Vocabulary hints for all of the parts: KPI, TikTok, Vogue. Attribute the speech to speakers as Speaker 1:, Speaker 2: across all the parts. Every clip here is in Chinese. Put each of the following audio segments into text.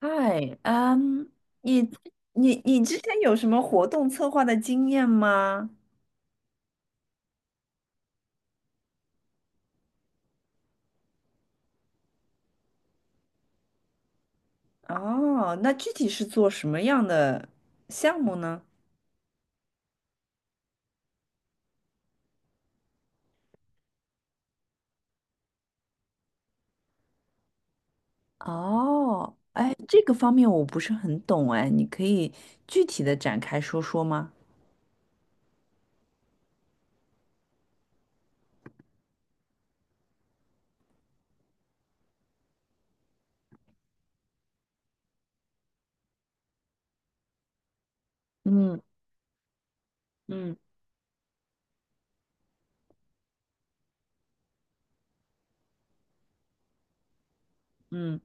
Speaker 1: 嗨，你你之前有什么活动策划的经验吗？哦，那具体是做什么样的项目呢？哦，哎，这个方面我不是很懂，哎，你可以具体的展开说说吗？嗯。嗯。嗯。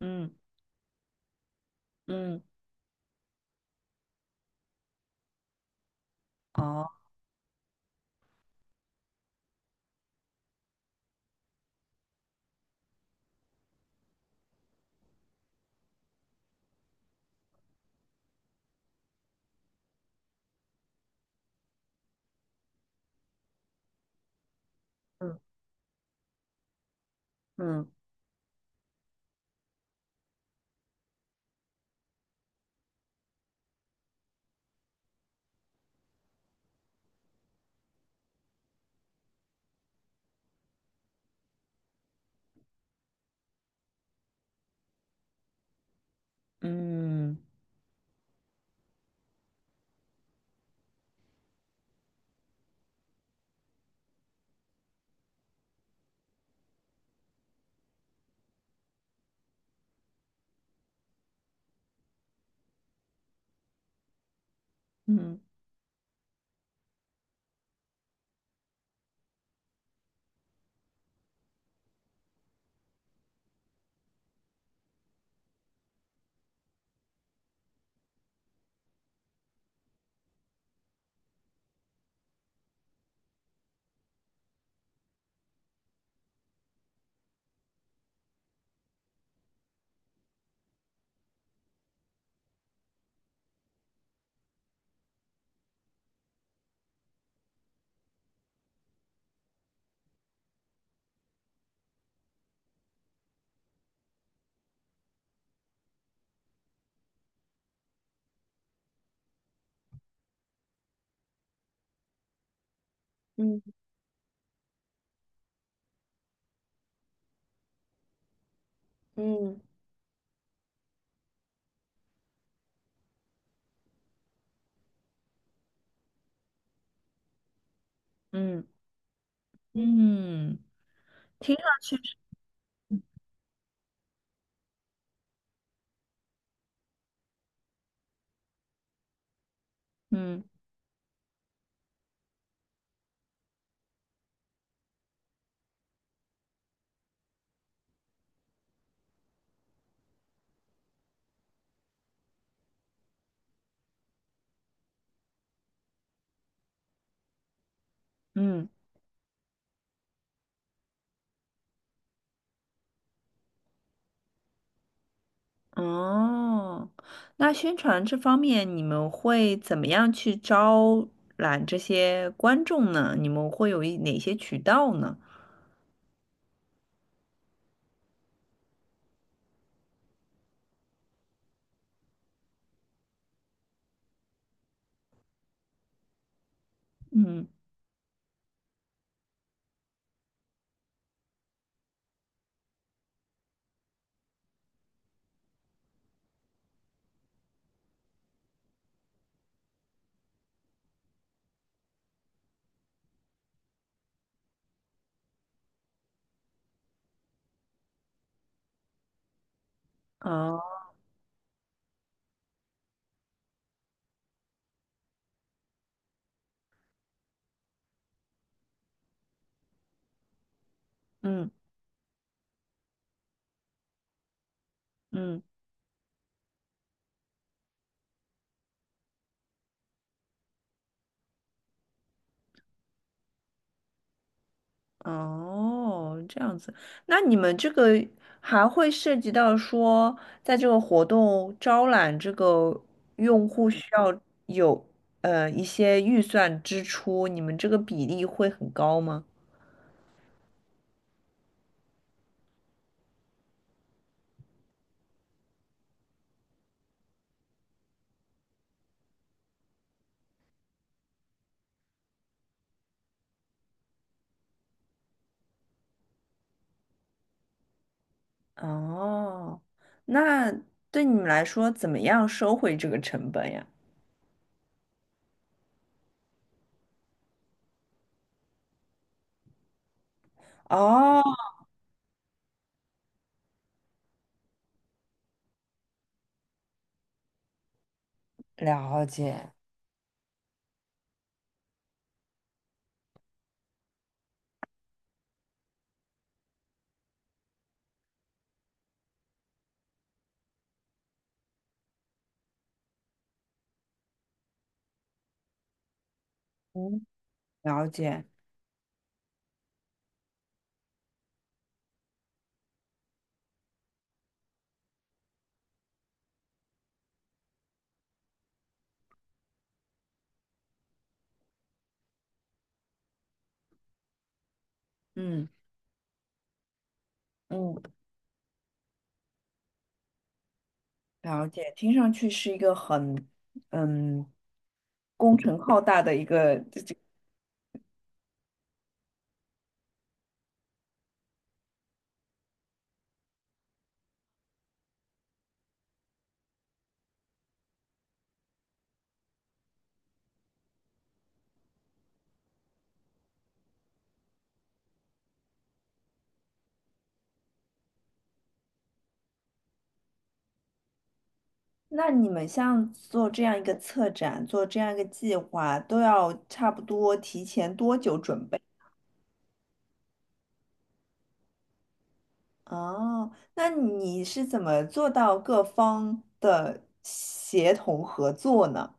Speaker 1: 嗯。嗯。哦。嗯。嗯。嗯。嗯。嗯。嗯。嗯。听上去是，嗯。嗯。哦，那宣传这方面，你们会怎么样去招揽这些观众呢？你们会有哪些渠道呢？嗯。哦。嗯。嗯。哦，这样子。那你们这个还会涉及到说，在这个活动招揽这个用户需要有一些预算支出，你们这个比例会很高吗？哦，那对你们来说，怎么样收回这个成本呀？哦，了解。嗯。了解。嗯。嗯。了解。听上去是一个很嗯工程浩大的一个这。那你们像做这样一个策展，做这样一个计划，都要差不多提前多久准备？哦，那你是怎么做到各方的协同合作呢？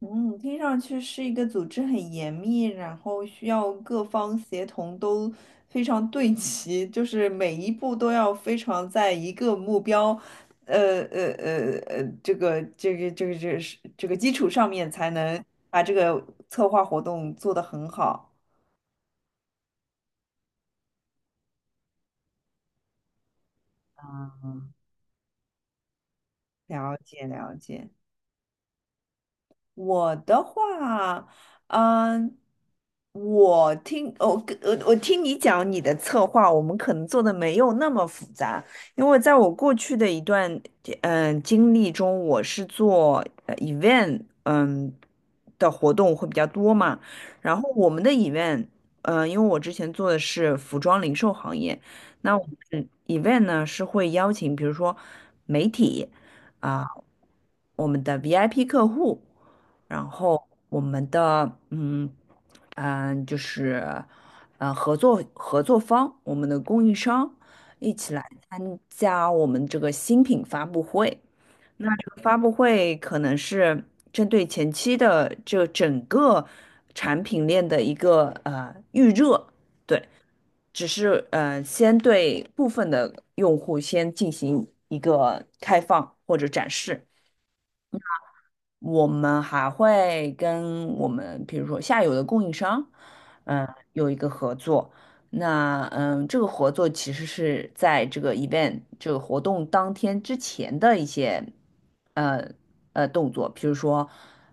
Speaker 1: 嗯，听上去是一个组织很严密，然后需要各方协同都非常对齐，就是每一步都要非常在一个目标，这个是这个基础上面才能把这个策划活动做得很好。了解了解。我的话，嗯，我听我跟我我听你讲你的策划，我们可能做的没有那么复杂，因为在我过去的一段经历中，我是做event 的活动会比较多嘛，然后我们的 event 因为我之前做的是服装零售行业，那我们 event 呢是会邀请比如说媒体。啊、我们的 VIP 客户，然后我们的嗯嗯、就是合作方，我们的供应商一起来参加我们这个新品发布会。那这个发布会可能是针对前期的这整个产品链的一个预热，对，只是先对部分的用户先进行一个开放或者展示。我们还会跟我们，比如说下游的供应商，嗯、有一个合作。那这个合作其实是在这个 event 这个活动当天之前的一些呃动作，比如说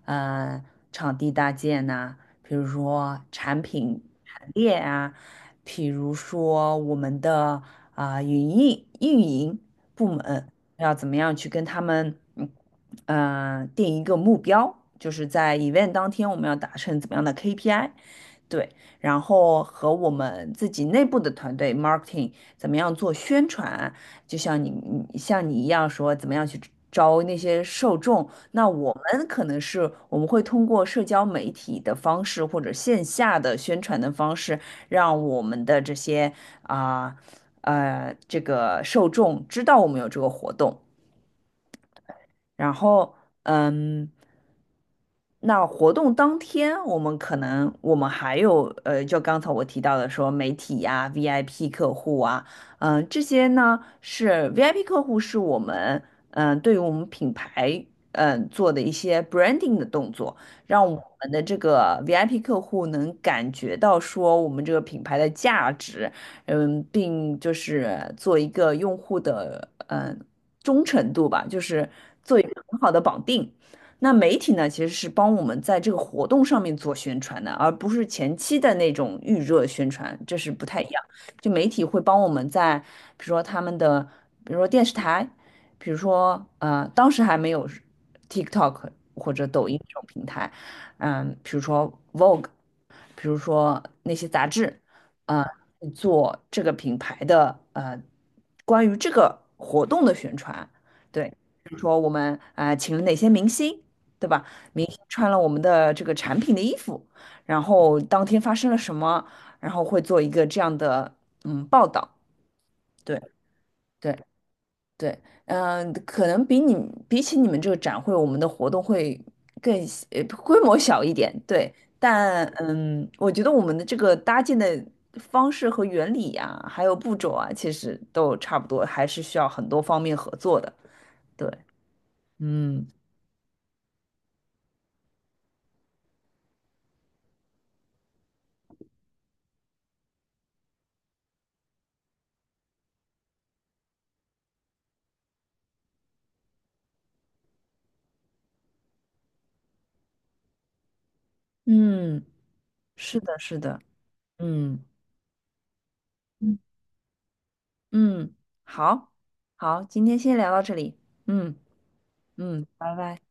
Speaker 1: 呃场地搭建呐、比如说产品陈列啊，比如说我们的啊、运营。部门。要怎么样去跟他们，嗯，定一个目标，就是在 event 当天我们要达成怎么样的 KPI，对，然后和我们自己内部的团队 marketing 怎么样做宣传，就像你一样说怎么样去招那些受众，那我们可能是我们会通过社交媒体的方式或者线下的宣传的方式，让我们的这些啊。这个受众知道我们有这个活动，然后嗯，那活动当天，我们还有，就刚才我提到的说媒体呀、VIP 客户啊，这些呢是 VIP 客户是我们对于我们品牌做的一些 branding 的动作，让我们的这个 VIP 客户能感觉到说我们这个品牌的价值，嗯，并就是做一个用户的忠诚度吧，就是做一个很好的绑定。那媒体呢，其实是帮我们在这个活动上面做宣传的，而不是前期的那种预热宣传，这是不太一样。就媒体会帮我们在，比如说他们的，比如说电视台，比如说当时还没有 TikTok 或者抖音这种平台，嗯、比如说 Vogue，比如说那些杂志，呃，做这个品牌的关于这个活动的宣传，对，比如说我们啊、请了哪些明星。对吧？明星穿了我们的这个产品的衣服，然后当天发生了什么，然后会做一个这样的嗯报道。对对对，嗯、可能比起你们这个展会，我们的活动会更小规模小一点。对，但嗯，我觉得我们的这个搭建的方式和原理呀、还有步骤啊，其实都差不多，还是需要很多方面合作的。对，嗯。嗯，是的，是的，嗯。嗯，好，好，今天先聊到这里。嗯。嗯，拜拜。